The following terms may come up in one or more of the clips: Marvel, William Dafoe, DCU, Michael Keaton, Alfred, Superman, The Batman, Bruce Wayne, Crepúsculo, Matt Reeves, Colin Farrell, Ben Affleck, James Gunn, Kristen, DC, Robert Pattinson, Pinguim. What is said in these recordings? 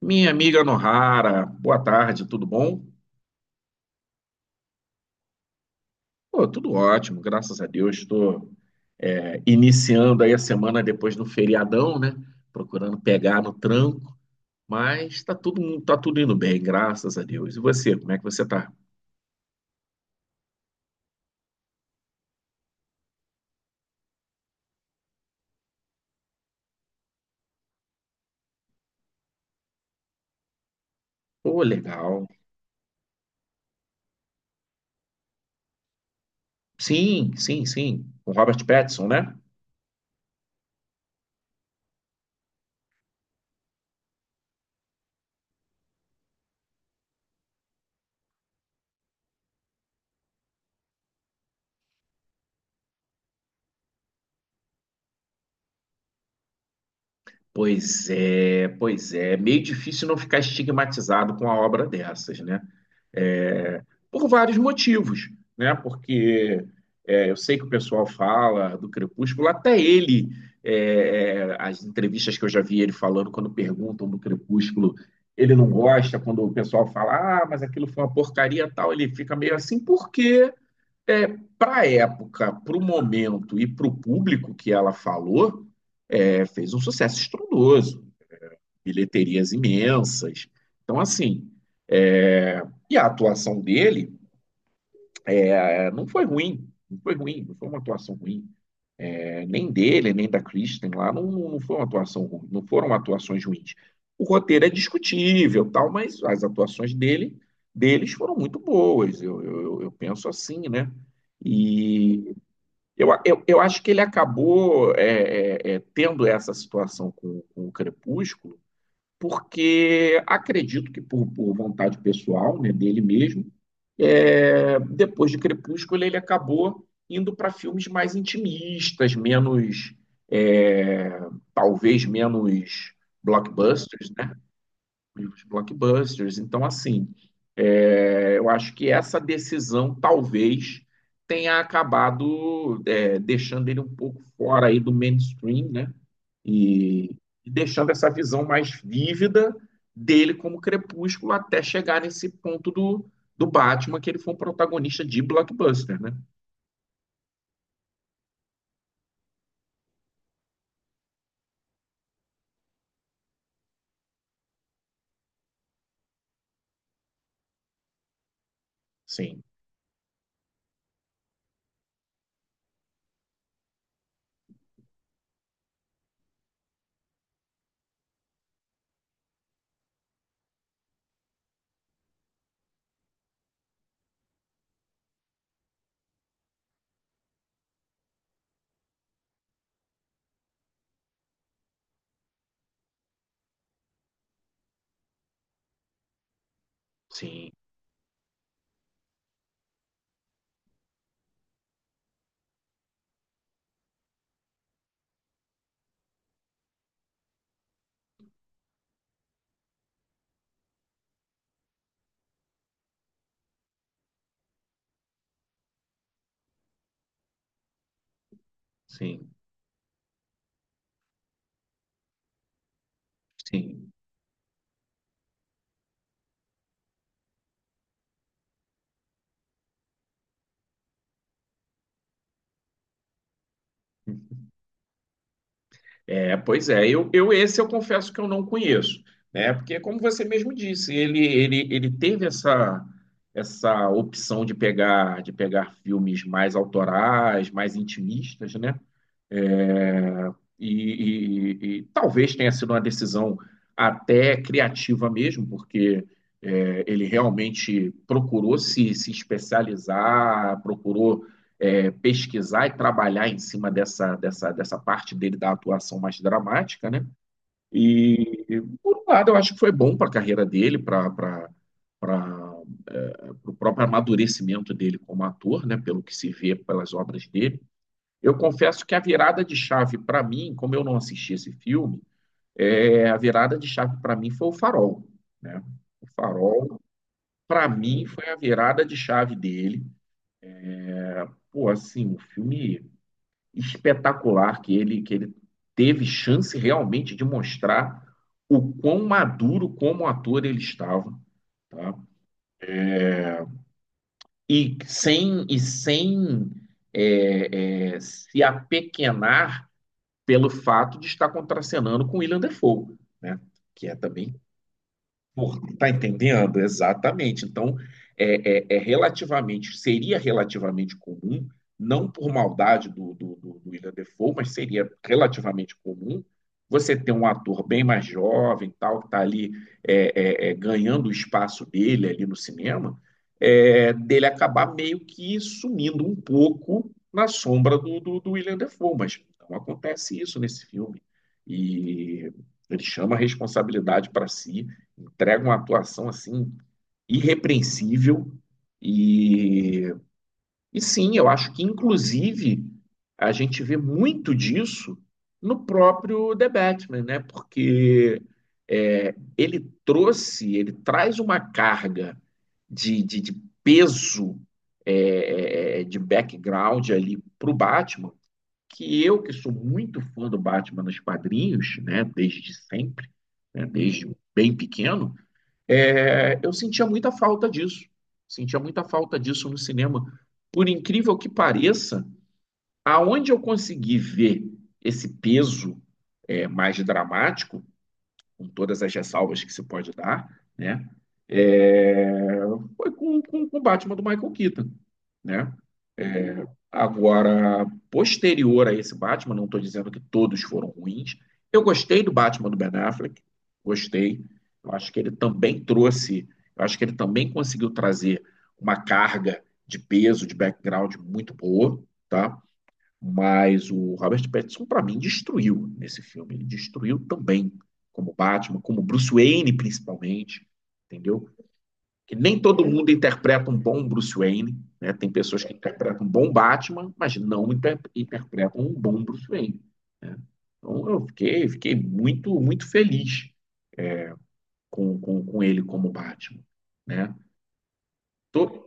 Minha amiga Nohara, boa tarde, tudo bom? Pô, tudo ótimo, graças a Deus. Estou iniciando aí a semana depois do feriadão, né? Procurando pegar no tranco, mas tá tudo indo bem, graças a Deus. E você, como é que você tá? Pô, legal. Sim, sim, sim. Com Robert Pattinson, né? Pois é, pois é. Meio difícil não ficar estigmatizado com a obra dessas, né? É, por vários motivos, né? Porque eu sei que o pessoal fala do Crepúsculo, até ele, as entrevistas que eu já vi ele falando quando perguntam do Crepúsculo, ele não gosta, quando o pessoal fala, ah, mas aquilo foi uma porcaria e tal, ele fica meio assim, porque é, para a época, para o momento e para o público que ela falou, fez um sucesso estrondoso, bilheterias imensas. Então, assim, é, e a atuação dele, não foi ruim, não foi uma atuação ruim. É, nem dele, nem da Kristen lá, não foi uma atuação ruim, não foram atuações ruins. O roteiro é discutível, tal, mas deles foram muito boas, eu penso assim, né? E eu acho que ele acabou tendo essa situação com o Crepúsculo, porque acredito que por vontade pessoal, né, dele mesmo, é, depois de Crepúsculo ele acabou indo para filmes mais intimistas, menos, é, talvez menos blockbusters, né? E blockbusters. Então, assim, eu acho que essa decisão talvez tenha acabado deixando ele um pouco fora aí do mainstream, né? E, e deixando essa visão mais vívida dele como Crepúsculo até chegar nesse ponto do Batman, que ele foi um protagonista de blockbuster, né? Sim, sim, sim, sim. É, pois é, eu esse eu confesso que eu não conheço, né? Porque como você mesmo disse, ele teve essa opção de pegar filmes mais autorais, mais intimistas, né? É. E, e talvez tenha sido uma decisão até criativa mesmo, porque ele realmente procurou se especializar, procurou pesquisar e trabalhar em cima dessa parte dele da atuação mais dramática, né? E, por um lado, eu acho que foi bom para a carreira dele, para o próprio amadurecimento dele como ator, né? Pelo que se vê pelas obras dele. Eu confesso que a virada de chave para mim, como eu não assisti esse filme, é, a virada de chave para mim foi o Farol, né? O Farol, para mim, foi a virada de chave dele. Pô, assim, um filme espetacular que ele teve chance realmente de mostrar o quão maduro como ator ele estava, tá? E sem se apequenar pelo fato de estar contracenando com William Dafoe, né? Que é também por, tá entendendo? Exatamente. Então, é relativamente, seria relativamente comum, não por maldade do William Dafoe, mas seria relativamente comum você ter um ator bem mais jovem, tal, que está ali ganhando o espaço dele ali no cinema, é, dele acabar meio que sumindo um pouco na sombra do William Dafoe, mas não acontece isso nesse filme. E ele chama a responsabilidade para si, entrega uma atuação assim irrepreensível e, e sim, eu acho que inclusive a gente vê muito disso no próprio The Batman, né? Porque ele trouxe, ele traz uma carga de peso, de background ali para o Batman, que eu, que sou muito fã do Batman nos quadrinhos, né? Desde sempre, né? Desde bem pequeno, é, eu sentia muita falta disso. Sentia muita falta disso no cinema. Por incrível que pareça, aonde eu consegui ver esse peso mais dramático, com todas as ressalvas que se pode dar, né? É, foi com o Batman do Michael Keaton, né? Agora, posterior a esse Batman, não estou dizendo que todos foram ruins. Eu gostei do Batman do Ben Affleck, gostei. Eu acho que ele também trouxe, eu acho que ele também conseguiu trazer uma carga de peso, de background muito boa, tá? Mas o Robert Pattinson, para mim, destruiu nesse filme. Ele destruiu também, como Batman, como Bruce Wayne, principalmente, entendeu? Que nem todo mundo interpreta um bom Bruce Wayne, né? Tem pessoas que interpretam um bom Batman, mas não interpretam um bom Bruce Wayne. Então fiquei muito, muito feliz com ele como Batman, né? Tô...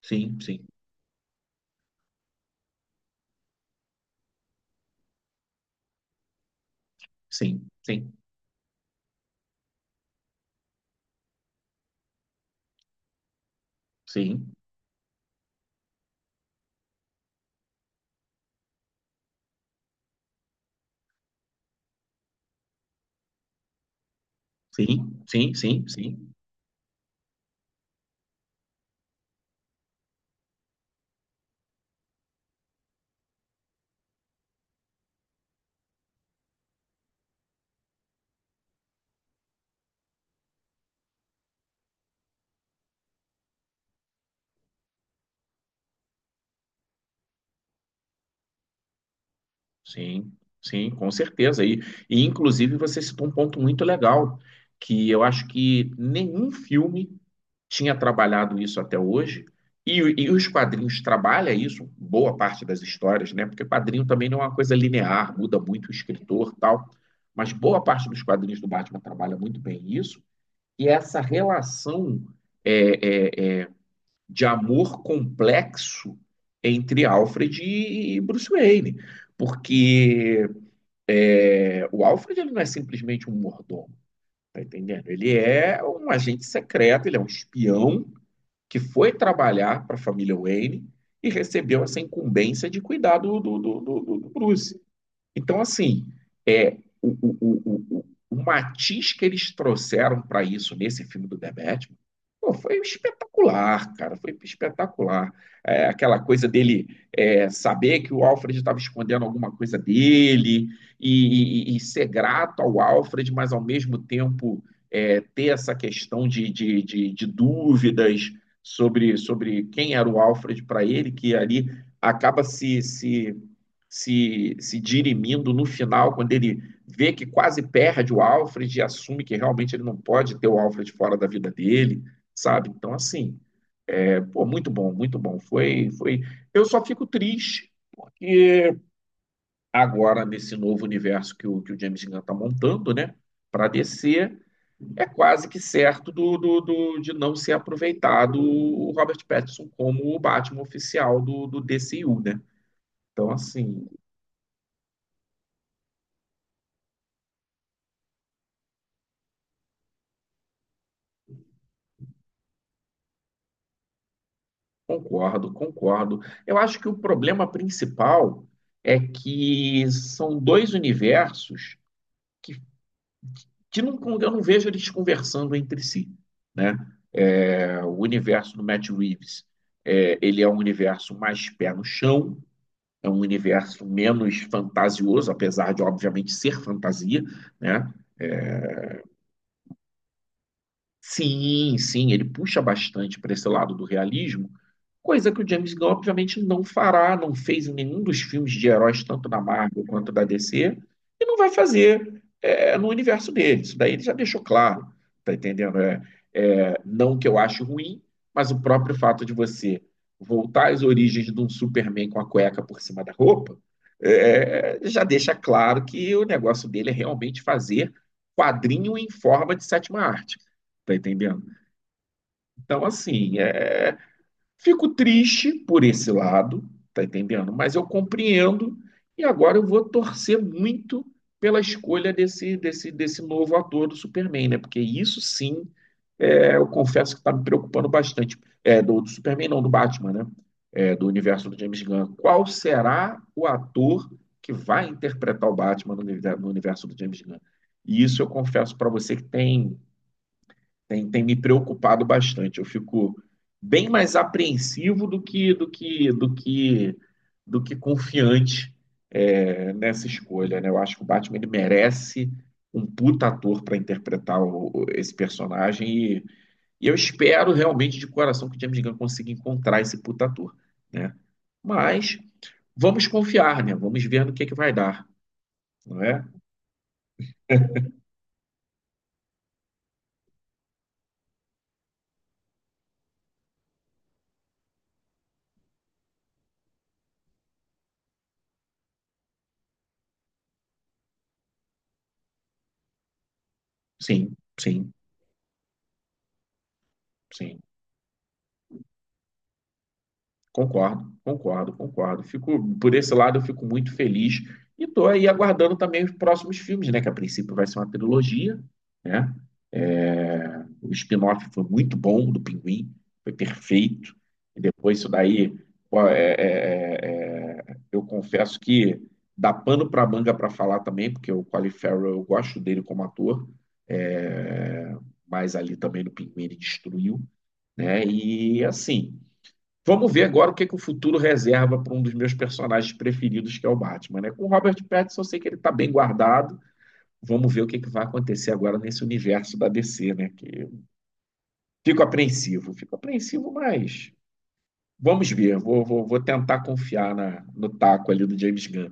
Sim, sim, sim, sim, sim, sim, sim, sim, sim. Sim, sim, com certeza. E inclusive você citou um ponto muito legal, que eu acho que nenhum filme tinha trabalhado isso até hoje, e, e os quadrinhos trabalham isso, boa parte das histórias, né? Porque quadrinho também não é uma coisa linear, muda muito o escritor, tal. Mas boa parte dos quadrinhos do Batman trabalha muito bem isso, e essa relação é, é, é, de amor complexo entre Alfred e Bruce Wayne, porque é, o Alfred ele não é simplesmente um mordomo, tá entendendo? Ele é um agente secreto, ele é um espião que foi trabalhar para a família Wayne e recebeu essa incumbência de cuidar do Bruce. Então, assim, é, o, o, o, o matiz que eles trouxeram para isso nesse filme do The Batman, pô, foi espetacular, cara, foi espetacular. É, aquela coisa dele saber que o Alfred estava escondendo alguma coisa dele e, e ser grato ao Alfred, mas ao mesmo tempo ter essa questão de dúvidas sobre quem era o Alfred para ele, que ali acaba se, se se, se dirimindo no final, quando ele vê que quase perde o Alfred e assume que realmente ele não pode ter o Alfred fora da vida dele, sabe? Então, assim, é, pô, muito bom, muito bom. Foi, foi. Eu só fico triste, porque agora, nesse novo universo que o James Gunn está montando, né? Para descer, é quase que certo de não ser aproveitado o Robert Pattinson como o Batman oficial do DCU, né? Então, assim, concordo, concordo. Eu acho que o problema principal é que são dois universos que, que não, eu não vejo eles conversando entre si, né? É, o universo do Matt Reeves, é, ele é um universo mais pé no chão, é um universo menos fantasioso, apesar de, obviamente, ser fantasia, né? Sim, sim, ele puxa bastante para esse lado do realismo, coisa que o James Gunn obviamente não fará, não fez em nenhum dos filmes de heróis, tanto da Marvel quanto da DC, e não vai fazer no universo dele. Isso daí ele já deixou claro, tá entendendo? Não que eu acho ruim, mas o próprio fato de você voltar às origens de um Superman com a cueca por cima da roupa, já deixa claro que o negócio dele é realmente fazer quadrinho em forma de sétima arte. Tá entendendo? Então, assim, é, fico triste por esse lado, tá entendendo? Mas eu compreendo e agora eu vou torcer muito pela escolha desse novo ator do Superman, né? Porque isso sim, é, eu confesso que tá me preocupando bastante. É, do Superman, não, do Batman, né? É, do universo do James Gunn. Qual será o ator que vai interpretar o Batman no, no universo do James Gunn? E isso eu confesso para você que tem tem me preocupado bastante. Eu fico bem mais apreensivo do que confiante nessa escolha, né? Eu acho que o Batman ele merece um puta ator para interpretar esse personagem e eu espero realmente de coração que o James Gunn consiga encontrar esse puta ator, né? Mas vamos confiar, né? Vamos ver no que é que vai dar, não é? Sim, sim, sim. Concordo, concordo, concordo. Fico, por esse lado, eu fico muito feliz e estou aí aguardando também os próximos filmes, né? Que a princípio vai ser uma trilogia, né? É, o spin-off foi muito bom do Pinguim, foi perfeito. E depois isso daí, pô, eu confesso que dá pano para manga para falar também, porque o Colin Farrell, eu gosto dele como ator, é, mas ali também no Pinguim ele destruiu, né? E assim. Vamos ver agora que o futuro reserva para um dos meus personagens preferidos, que é o Batman, né? Com o Robert Pattinson, eu sei que ele está bem guardado. Vamos ver que vai acontecer agora nesse universo da DC, né? Que fico apreensivo, mas vamos ver. Vou tentar confiar na, no taco ali do James Gunn.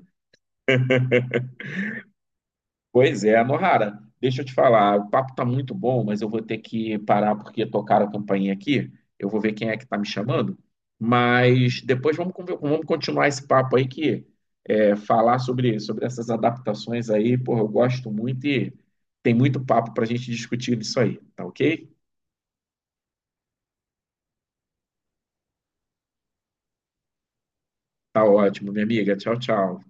Pois é, Nohara, deixa eu te falar, o papo tá muito bom, mas eu vou ter que parar porque tocaram a campainha aqui. Eu vou ver quem é que tá me chamando, mas depois vamos, vamos continuar esse papo aí que falar sobre essas adaptações aí, pô, eu gosto muito e tem muito papo pra gente discutir nisso aí, tá ok? Tá ótimo, minha amiga. Tchau, tchau.